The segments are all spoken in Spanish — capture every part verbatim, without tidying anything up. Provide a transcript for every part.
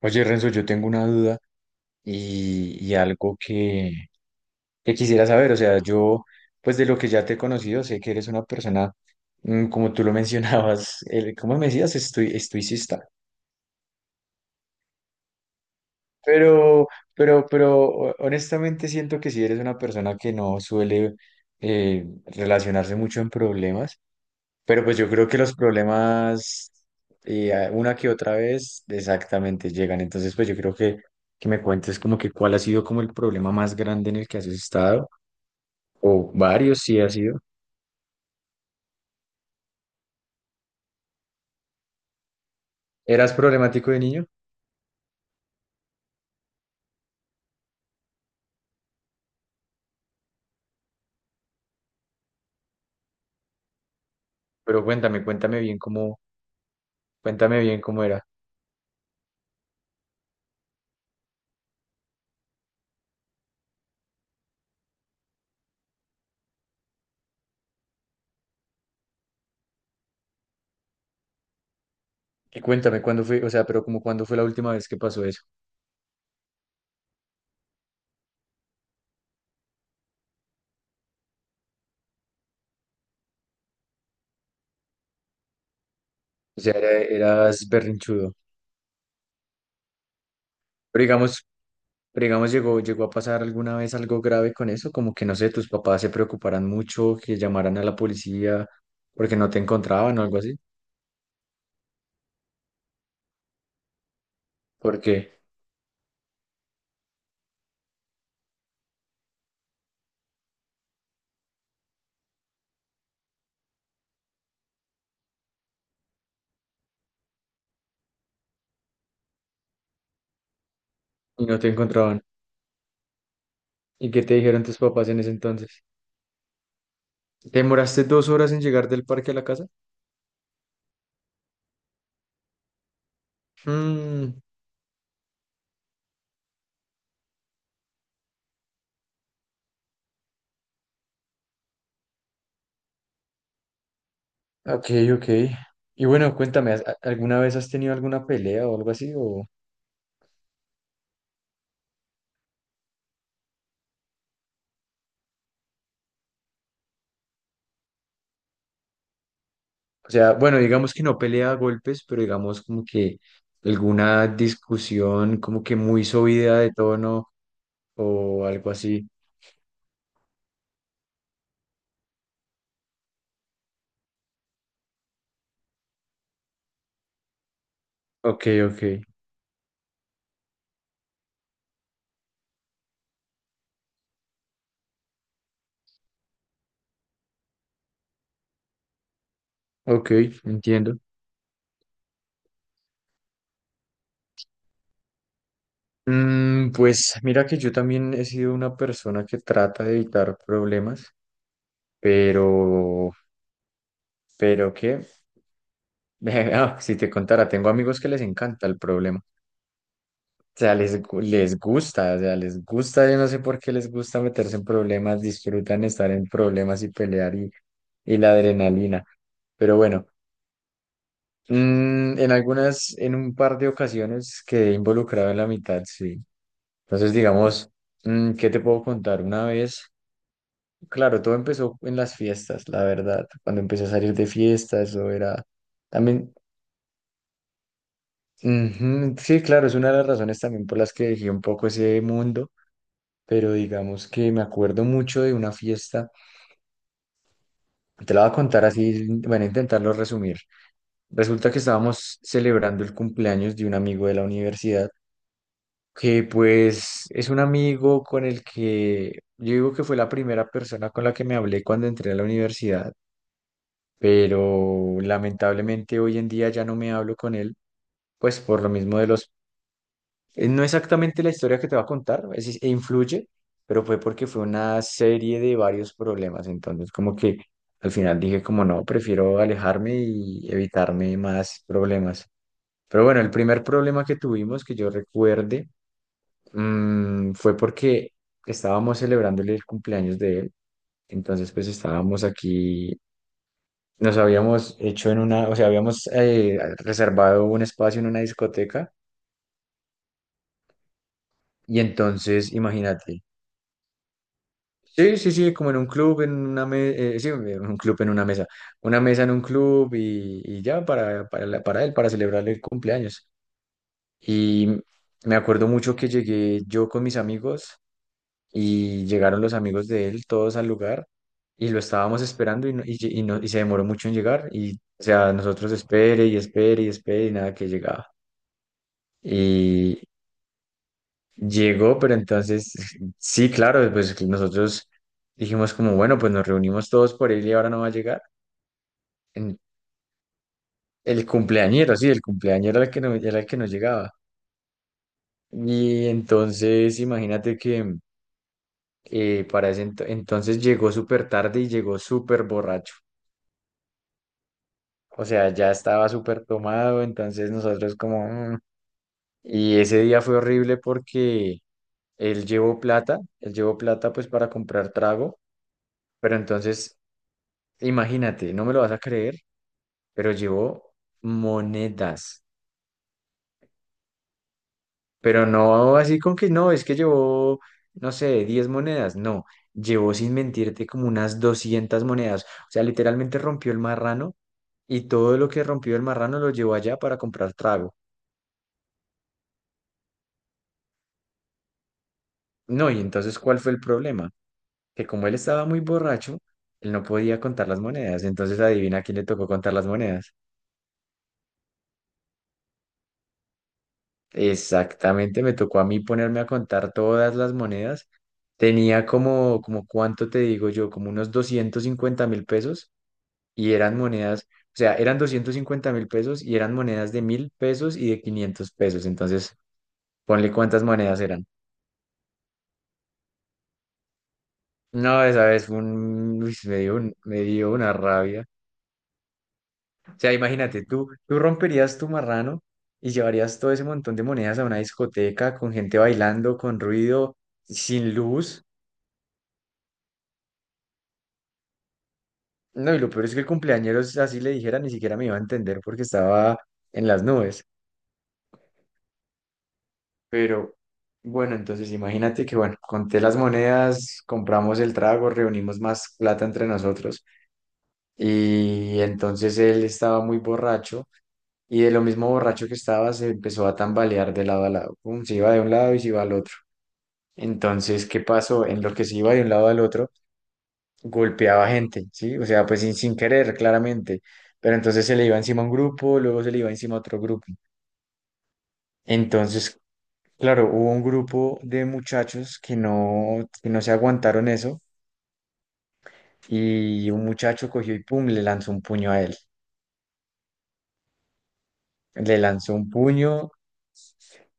Oye, Renzo, yo tengo una duda y, y algo que, que quisiera saber. O sea, yo, pues de lo que ya te he conocido, sé que eres una persona, mm, como tú lo mencionabas, el, ¿cómo me decías? Estoi- estoicista. Pero, pero, pero ho- honestamente siento que si eres una persona que no suele eh, relacionarse mucho en problemas. Pero pues yo creo que los problemas eh, a- una que otra vez exactamente llegan. Entonces pues yo creo que, que me cuentes como que cuál ha sido como el problema más grande en el que has estado, o varios sí ha sido. ¿Eras problemático de niño? Pero cuéntame, cuéntame bien cómo, cuéntame bien cómo era. Y cuéntame cuándo fue, o sea, pero como cuándo fue la última vez que pasó eso. O sea, era- eras berrinchudo. Pero digamos, Pero digamos, llegó, llegó a pasar alguna vez algo grave con eso, como que no sé, tus papás se preocuparan mucho, que llamaran a la policía porque no te encontraban o algo así. ¿Por qué? Y no te encontraban. ¿Y qué te dijeron tus papás en ese entonces? ¿Te demoraste dos horas en llegar del parque a la casa? Mm, ok, ok. Y bueno, cuéntame, ¿has- a- ¿alguna vez has tenido alguna pelea o algo así? O, o sea, bueno, digamos que no pelea a golpes, pero digamos como que alguna discusión como que muy subida de tono o algo así. Ok, ok, ok, entiendo. Mm, pues mira que yo también he sido una persona que trata de evitar problemas, pero, pero que, ah, si te contara, tengo amigos que les encanta el problema. O sea, les, gu- les gusta, o sea, les gusta, yo no sé por qué les gusta meterse en problemas, disfrutan estar en problemas y pelear y, y la adrenalina. Pero bueno, mm, en algunas, en un par de ocasiones quedé involucrado en la mitad, sí. Entonces, digamos, mm, ¿qué te puedo contar? Una vez, claro, todo empezó en las fiestas, la verdad. Cuando empecé a salir de fiestas, eso era también, ujú, sí, claro, es una de las razones también por las que dejé un poco ese mundo, pero digamos que me acuerdo mucho de una fiesta. Te la voy a contar así, bueno, intentarlo resumir. Resulta que estábamos celebrando el cumpleaños de un amigo de la universidad. Que pues es un amigo con el que yo digo que fue la primera persona con la que me hablé cuando entré a la universidad, pero lamentablemente hoy en día ya no me hablo con él, pues por lo mismo de los... eh, No exactamente la historia que te va a contar, es, es- influye, pero fue porque fue una serie de varios problemas, entonces como que al final dije como no, prefiero alejarme y evitarme más problemas. Pero bueno, el primer problema que tuvimos, que yo recuerde, mm, fue porque estábamos celebrándole el cumpleaños de él, entonces pues estábamos aquí, nos habíamos hecho en una, o sea, habíamos eh, reservado un espacio en una discoteca y entonces imagínate, sí, sí, sí, como en un club, en una mesa, sí, en un club, en una mesa, una mesa en un club y, y ya para, para, la- para él, para celebrarle el cumpleaños. Y me acuerdo mucho que llegué yo con mis amigos y llegaron los amigos de él todos al lugar y lo estábamos esperando y, no- y, lle- y no- y se demoró mucho en llegar y o sea, nosotros espere y espere y espere y nada que llegaba. Y llegó, pero entonces sí, claro, pues que nosotros dijimos como, bueno, pues nos reunimos todos por él y ahora no va a llegar. En- El cumpleañero, sí, el cumpleañero era el que no, era el que no llegaba. Y entonces imagínate que eh, para ese ento- entonces llegó súper tarde y llegó súper borracho. O sea, ya estaba súper tomado, entonces nosotros como... "Mm". Y ese día fue horrible porque él llevó plata, él llevó plata pues para comprar trago, pero entonces, imagínate, no me lo vas a creer, pero llevó monedas, pero no así con que no, es que llevó, no sé, diez monedas, no, llevó sin mentirte como unas doscientas monedas, o sea, literalmente rompió el marrano y todo lo que rompió el marrano lo llevó allá para comprar trago. No, y entonces, ¿cuál fue el problema? Que como él estaba muy borracho, él no podía contar las monedas. Entonces, adivina a quién le tocó contar las monedas. Exactamente, me tocó a mí ponerme a contar todas las monedas. Tenía como, como cuánto te digo yo, como unos doscientos cincuenta mil pesos y eran monedas, o sea, eran doscientos cincuenta mil pesos y eran monedas de mil pesos y de quinientos pesos. Entonces, ponle cuántas monedas eran. No, esa vez fue un, uy, me dio un- me dio una rabia. O sea, imagínate, tú, tú romperías tu marrano y llevarías todo ese montón de monedas a una discoteca con gente bailando, con ruido, sin luz. No, y lo peor es que el cumpleañero, si así le dijera, ni siquiera me iba a entender porque estaba en las nubes. Pero bueno, entonces imagínate que, bueno, conté las monedas, compramos el trago, reunimos más plata entre nosotros y entonces él estaba muy borracho y de lo mismo borracho que estaba se empezó a tambalear de lado a lado. Pum, se iba de un lado y se iba al otro. Entonces, ¿qué pasó? En lo que se iba de un lado al otro, golpeaba gente, ¿sí? O sea, pues sin, sin querer, claramente. Pero entonces se le iba encima a un grupo, luego se le iba encima a otro grupo. Entonces, claro, hubo un grupo de muchachos que no, que no, se aguantaron eso y un muchacho cogió y pum, le lanzó un puño a él. Le lanzó un puño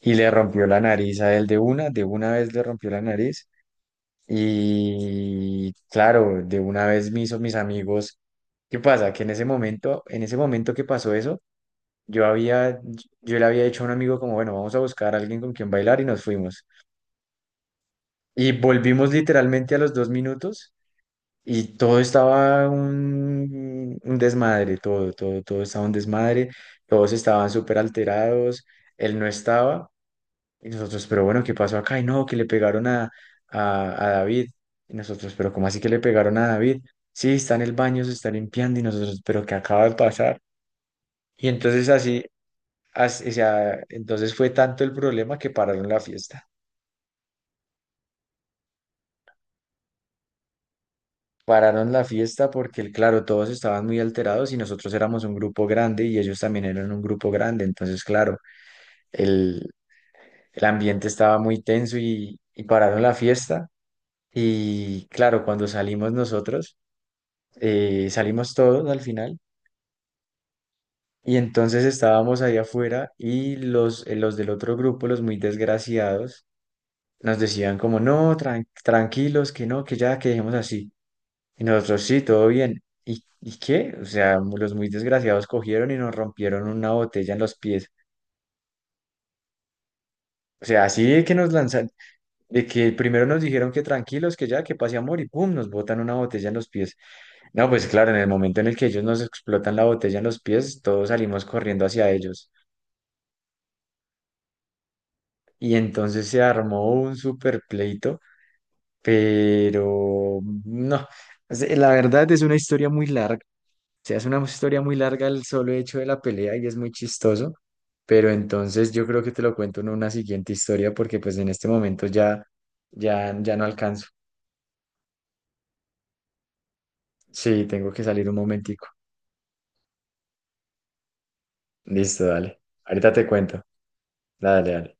y le rompió la nariz a él de una, de una vez le rompió la nariz. Y claro, de una vez me hizo mis amigos. ¿Qué pasa? Que en ese momento, en ese momento que pasó eso, yo había, yo le había dicho a un amigo como, bueno, vamos a buscar a alguien con quien bailar y nos fuimos. Y volvimos literalmente a los dos minutos y todo estaba un, un desmadre, todo, todo, todo estaba un desmadre, todos estaban súper alterados, él no estaba y nosotros, pero bueno, ¿qué pasó acá? Y no, que le pegaron a, a, a David. Y nosotros, pero ¿cómo así que le pegaron a David? Sí, está en el baño, se está limpiando y nosotros, pero ¿qué acaba de pasar? Y entonces así, as- o sea, entonces fue tanto el problema que pararon la fiesta. Pararon la fiesta porque, claro, todos estaban muy alterados y nosotros éramos un grupo grande y ellos también eran un grupo grande. Entonces, claro, el, el ambiente estaba muy tenso y, y pararon la fiesta. Y claro, cuando salimos nosotros, eh, salimos todos al final. Y entonces estábamos ahí afuera y los, eh, los del otro grupo, los muy desgraciados, nos decían como, no, tran- tranquilos, que no, que ya, que dejemos así. Y nosotros, sí, todo bien. ¿Y, y qué? O sea, mu- los muy desgraciados cogieron y nos rompieron una botella en los pies. O sea, así de que nos lanzan, de que primero nos dijeron que tranquilos, que ya, que pase amor, y pum, nos botan una botella en los pies. No, pues claro, en el momento en el que ellos nos explotan la botella en los pies, todos salimos corriendo hacia ellos. Y entonces se armó un super pleito, pero no, o sea, la verdad es una historia muy larga. Se hace una historia muy larga el solo hecho de la pelea y es muy chistoso, pero entonces yo creo que te lo cuento en una siguiente historia porque pues en este momento ya, ya, ya no alcanzo. Sí, tengo que salir un momentico. Listo, dale. Ahorita te cuento. Dale, dale.